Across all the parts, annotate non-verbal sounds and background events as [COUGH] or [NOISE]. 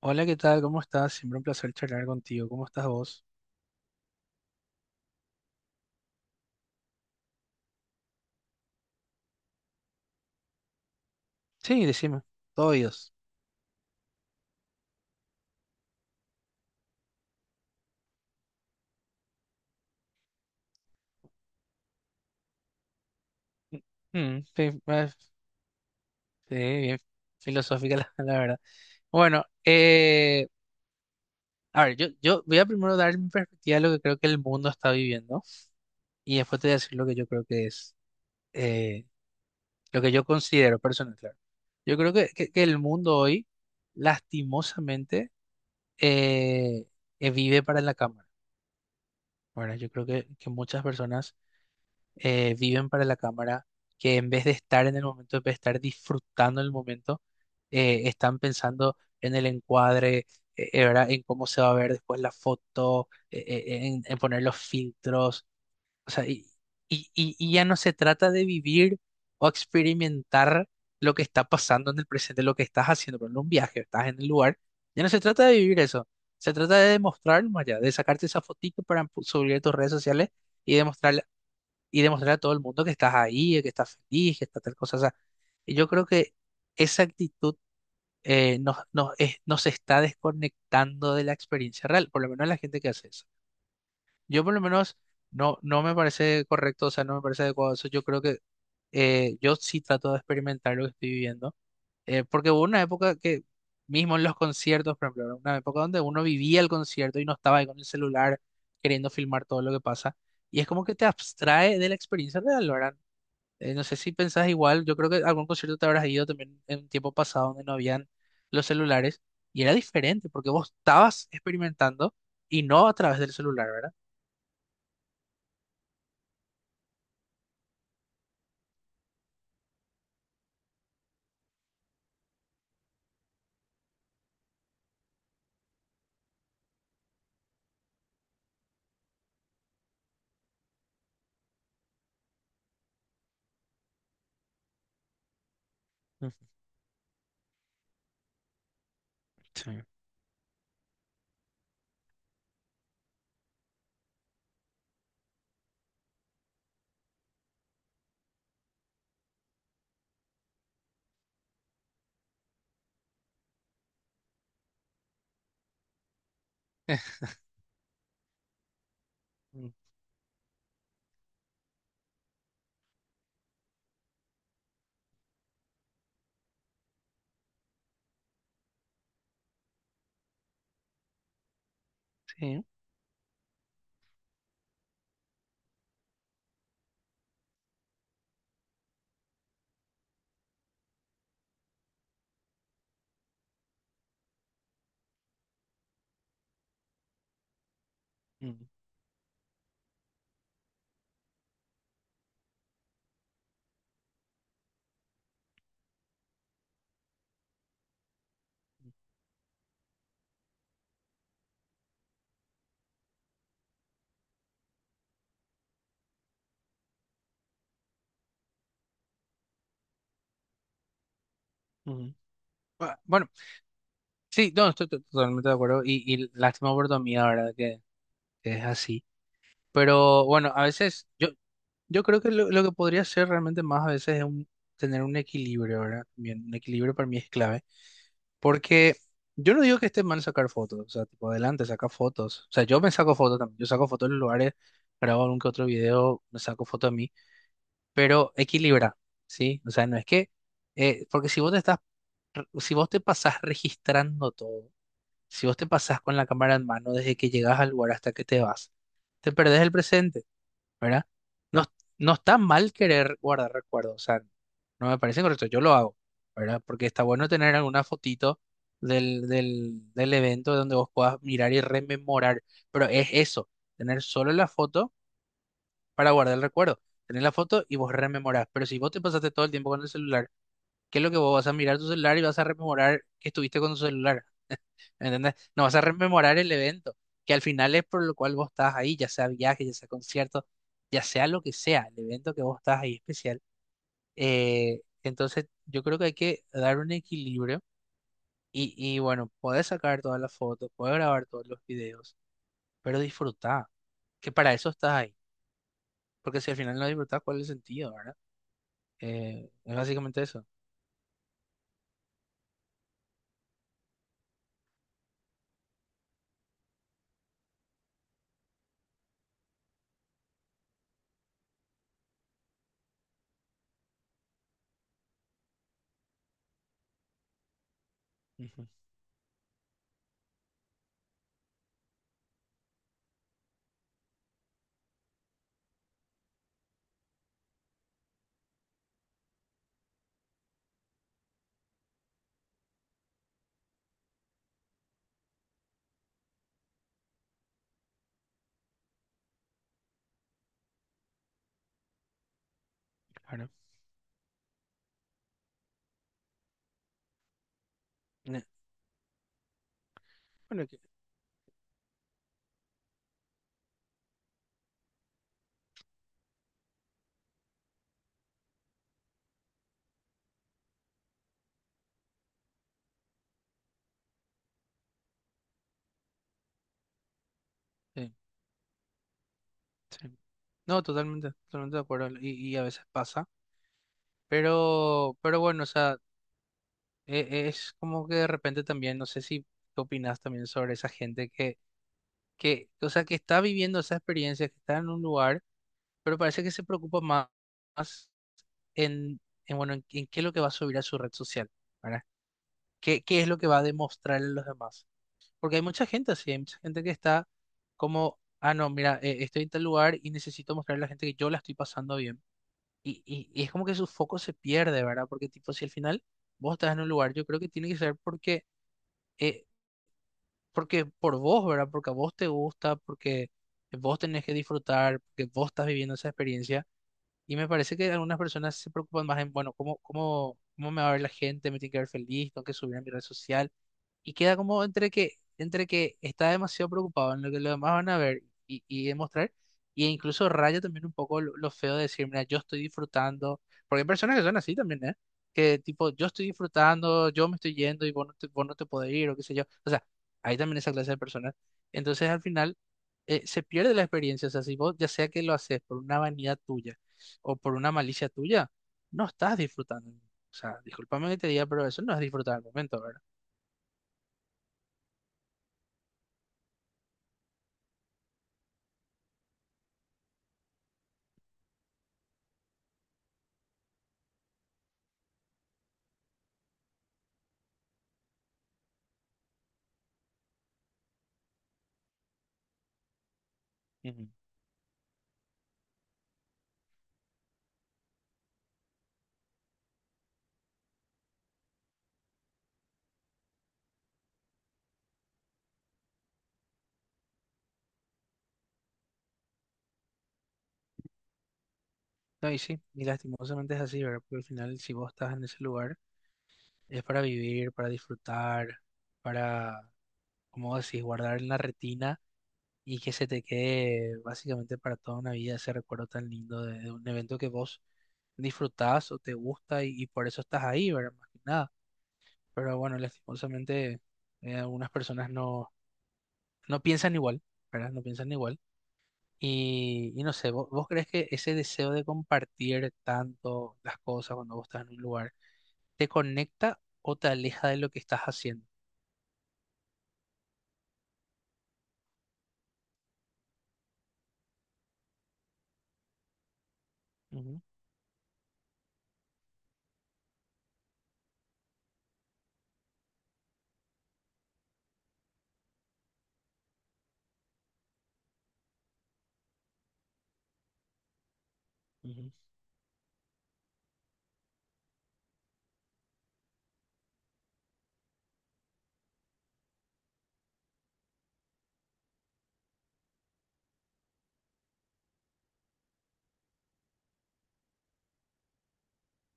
Hola, ¿qué tal? ¿Cómo estás? Siempre un placer charlar contigo. ¿Cómo estás vos? Sí, decime. Todo oídos. Mm, sí, [LAUGHS] sí, bien filosófica [LAUGHS] la verdad. Bueno, a ver, yo voy a primero dar mi perspectiva de lo que creo que el mundo está viviendo y después te voy a decir lo que yo creo que es, eh, lo que yo considero personal, claro. Yo creo que el mundo hoy, lastimosamente, eh, vive para la cámara. Bueno, yo creo que muchas personas viven para la cámara, que en vez de estar en el momento, en vez de estar disfrutando el momento, están pensando en el encuadre, ¿verdad? En cómo se va a ver después la foto, en poner los filtros, o sea, y ya no se trata de vivir o experimentar lo que está pasando en el presente, lo que estás haciendo, por ejemplo, un viaje, estás en el lugar, ya no se trata de vivir eso. Se trata de demostrar más allá, de sacarte esa fotito para subir a tus redes sociales y demostrar y demostrarle a todo el mundo que estás ahí, que estás feliz, que está tal cosa. O sea, y yo creo que esa actitud nos está desconectando de la experiencia real, por lo menos la gente que hace eso. Yo por lo menos no, no me parece correcto, o sea, no me parece adecuado eso. Yo creo que yo sí trato de experimentar lo que estoy viviendo, porque hubo una época que, mismo en los conciertos, por ejemplo, era una época donde uno vivía el concierto y no estaba ahí con el celular queriendo filmar todo lo que pasa. Y es como que te abstrae de la experiencia real, ¿verdad? No sé si pensás igual, yo creo que a algún concierto te habrás ido también en un tiempo pasado donde no habían los celulares y era diferente porque vos estabas experimentando y no a través del celular, ¿verdad? Ujú. Sí. Mm. Sí. Mm. Mm. Ujú. Ah, bueno, sí, no, estoy totalmente de acuerdo y lástima por tu amiga, ¿verdad? Que es así. Pero bueno, a veces yo creo que lo que podría ser realmente más a veces es tener un equilibrio, ¿verdad? También un equilibrio para mí es clave. Porque yo no digo que esté mal sacar fotos, o sea, tipo adelante, saca fotos. O sea, yo me saco fotos también, yo saco fotos en los lugares, grabo algún que otro video, me saco fotos a mí, pero equilibra, ¿sí? O sea, no es que, porque si vos te estás, si vos te pasás registrando todo, si vos te pasás con la cámara en mano desde que llegas al lugar hasta que te vas, te perdés el presente, ¿verdad? No, no está mal querer guardar recuerdos, o sea, no me parece correcto, yo lo hago, ¿verdad? Porque está bueno tener alguna fotito del evento donde vos puedas mirar y rememorar, pero es eso, tener solo la foto para guardar el recuerdo, tener la foto y vos rememorás, pero si vos te pasaste todo el tiempo con el celular, ¿qué es lo que vos vas a mirar tu celular y vas a rememorar que estuviste con tu celular? ¿Entendés? No vas a rememorar el evento, que al final es por lo cual vos estás ahí, ya sea viaje, ya sea concierto, ya sea lo que sea, el evento que vos estás ahí especial. Entonces, yo creo que hay que dar un equilibrio y bueno, podés sacar todas las fotos, podés grabar todos los videos, pero disfrutá, que para eso estás ahí. Porque si al final no disfrutás, ¿cuál es el sentido, verdad? Es básicamente eso. Ujú, claro. Ne- Bueno, sí, sí. No, totalmente, totalmente de acuerdo. Y a veces pasa. Pero bueno, o sea, es como que de repente también, no sé si tú opinas también sobre esa gente que, o sea, que está viviendo esa experiencia, que está en un lugar, pero parece que se preocupa más, más en, en, bueno, en qué es lo que va a subir a su red social, ¿verdad? ¿Qué es lo que va a demostrarle a los demás? Porque hay mucha gente así, hay mucha gente que está como, ah, no, mira, estoy en tal lugar y necesito mostrarle a la gente que yo la estoy pasando bien. Y es como que su foco se pierde, ¿verdad? Porque tipo, si al final vos estás en un lugar, yo creo que tiene que ser porque, eh, porque por vos, ¿verdad? Porque a vos te gusta, porque vos tenés que disfrutar, porque vos estás viviendo esa experiencia. Y me parece que algunas personas se preocupan más en, bueno, cómo me va a ver la gente? ¿Me tiene que ver feliz? ¿Tengo que subir a mi red social? Y queda como entre que está demasiado preocupado en lo que los demás van a ver y demostrar, y incluso raya también un poco lo feo de decir, mira, yo estoy disfrutando, porque hay personas que son así también, ¿eh? Que tipo, yo estoy disfrutando, yo me estoy yendo y vos no te podés ir o qué sé yo. O sea, hay también esa clase de personas. Entonces al final se pierde la experiencia, o sea, si vos ya sea que lo haces por una vanidad tuya o por una malicia tuya, no estás disfrutando. O sea, discúlpame que te diga, pero eso no es disfrutar el momento, ¿verdad? Ujú. No, y sí, y lastimosamente es así, ¿verdad? Porque al final, si vos estás en ese lugar, es para vivir, para disfrutar, para, como decís, guardar en la retina y que se te quede básicamente para toda una vida ese recuerdo tan lindo de un evento que vos disfrutás o te gusta y por eso estás ahí, ¿verdad? Más que nada. Pero bueno, lastimosamente, algunas personas no, no piensan igual, ¿verdad? No piensan igual. Y no sé, ¿vos, crees que ese deseo de compartir tanto las cosas cuando vos estás en un lugar te conecta o te aleja de lo que estás haciendo? Ujú, ujú,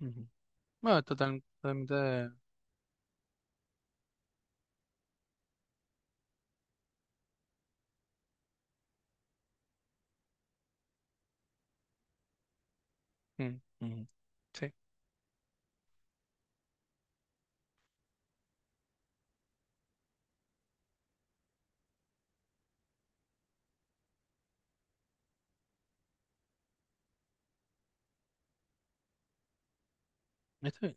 ujú. Bueno, totalmente. Mm, ujú. Sí, está bien.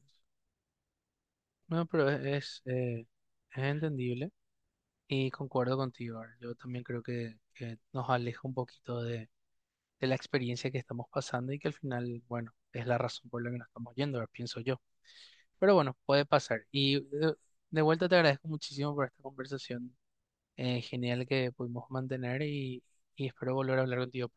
No, pero es entendible y concuerdo contigo. Ar. Yo también creo que nos aleja un poquito de la experiencia que estamos pasando y que al final, bueno, es la razón por la que nos estamos yendo, Ar, pienso yo. Pero bueno, puede pasar. Y de vuelta te agradezco muchísimo por esta conversación genial que pudimos mantener y espero volver a hablar contigo.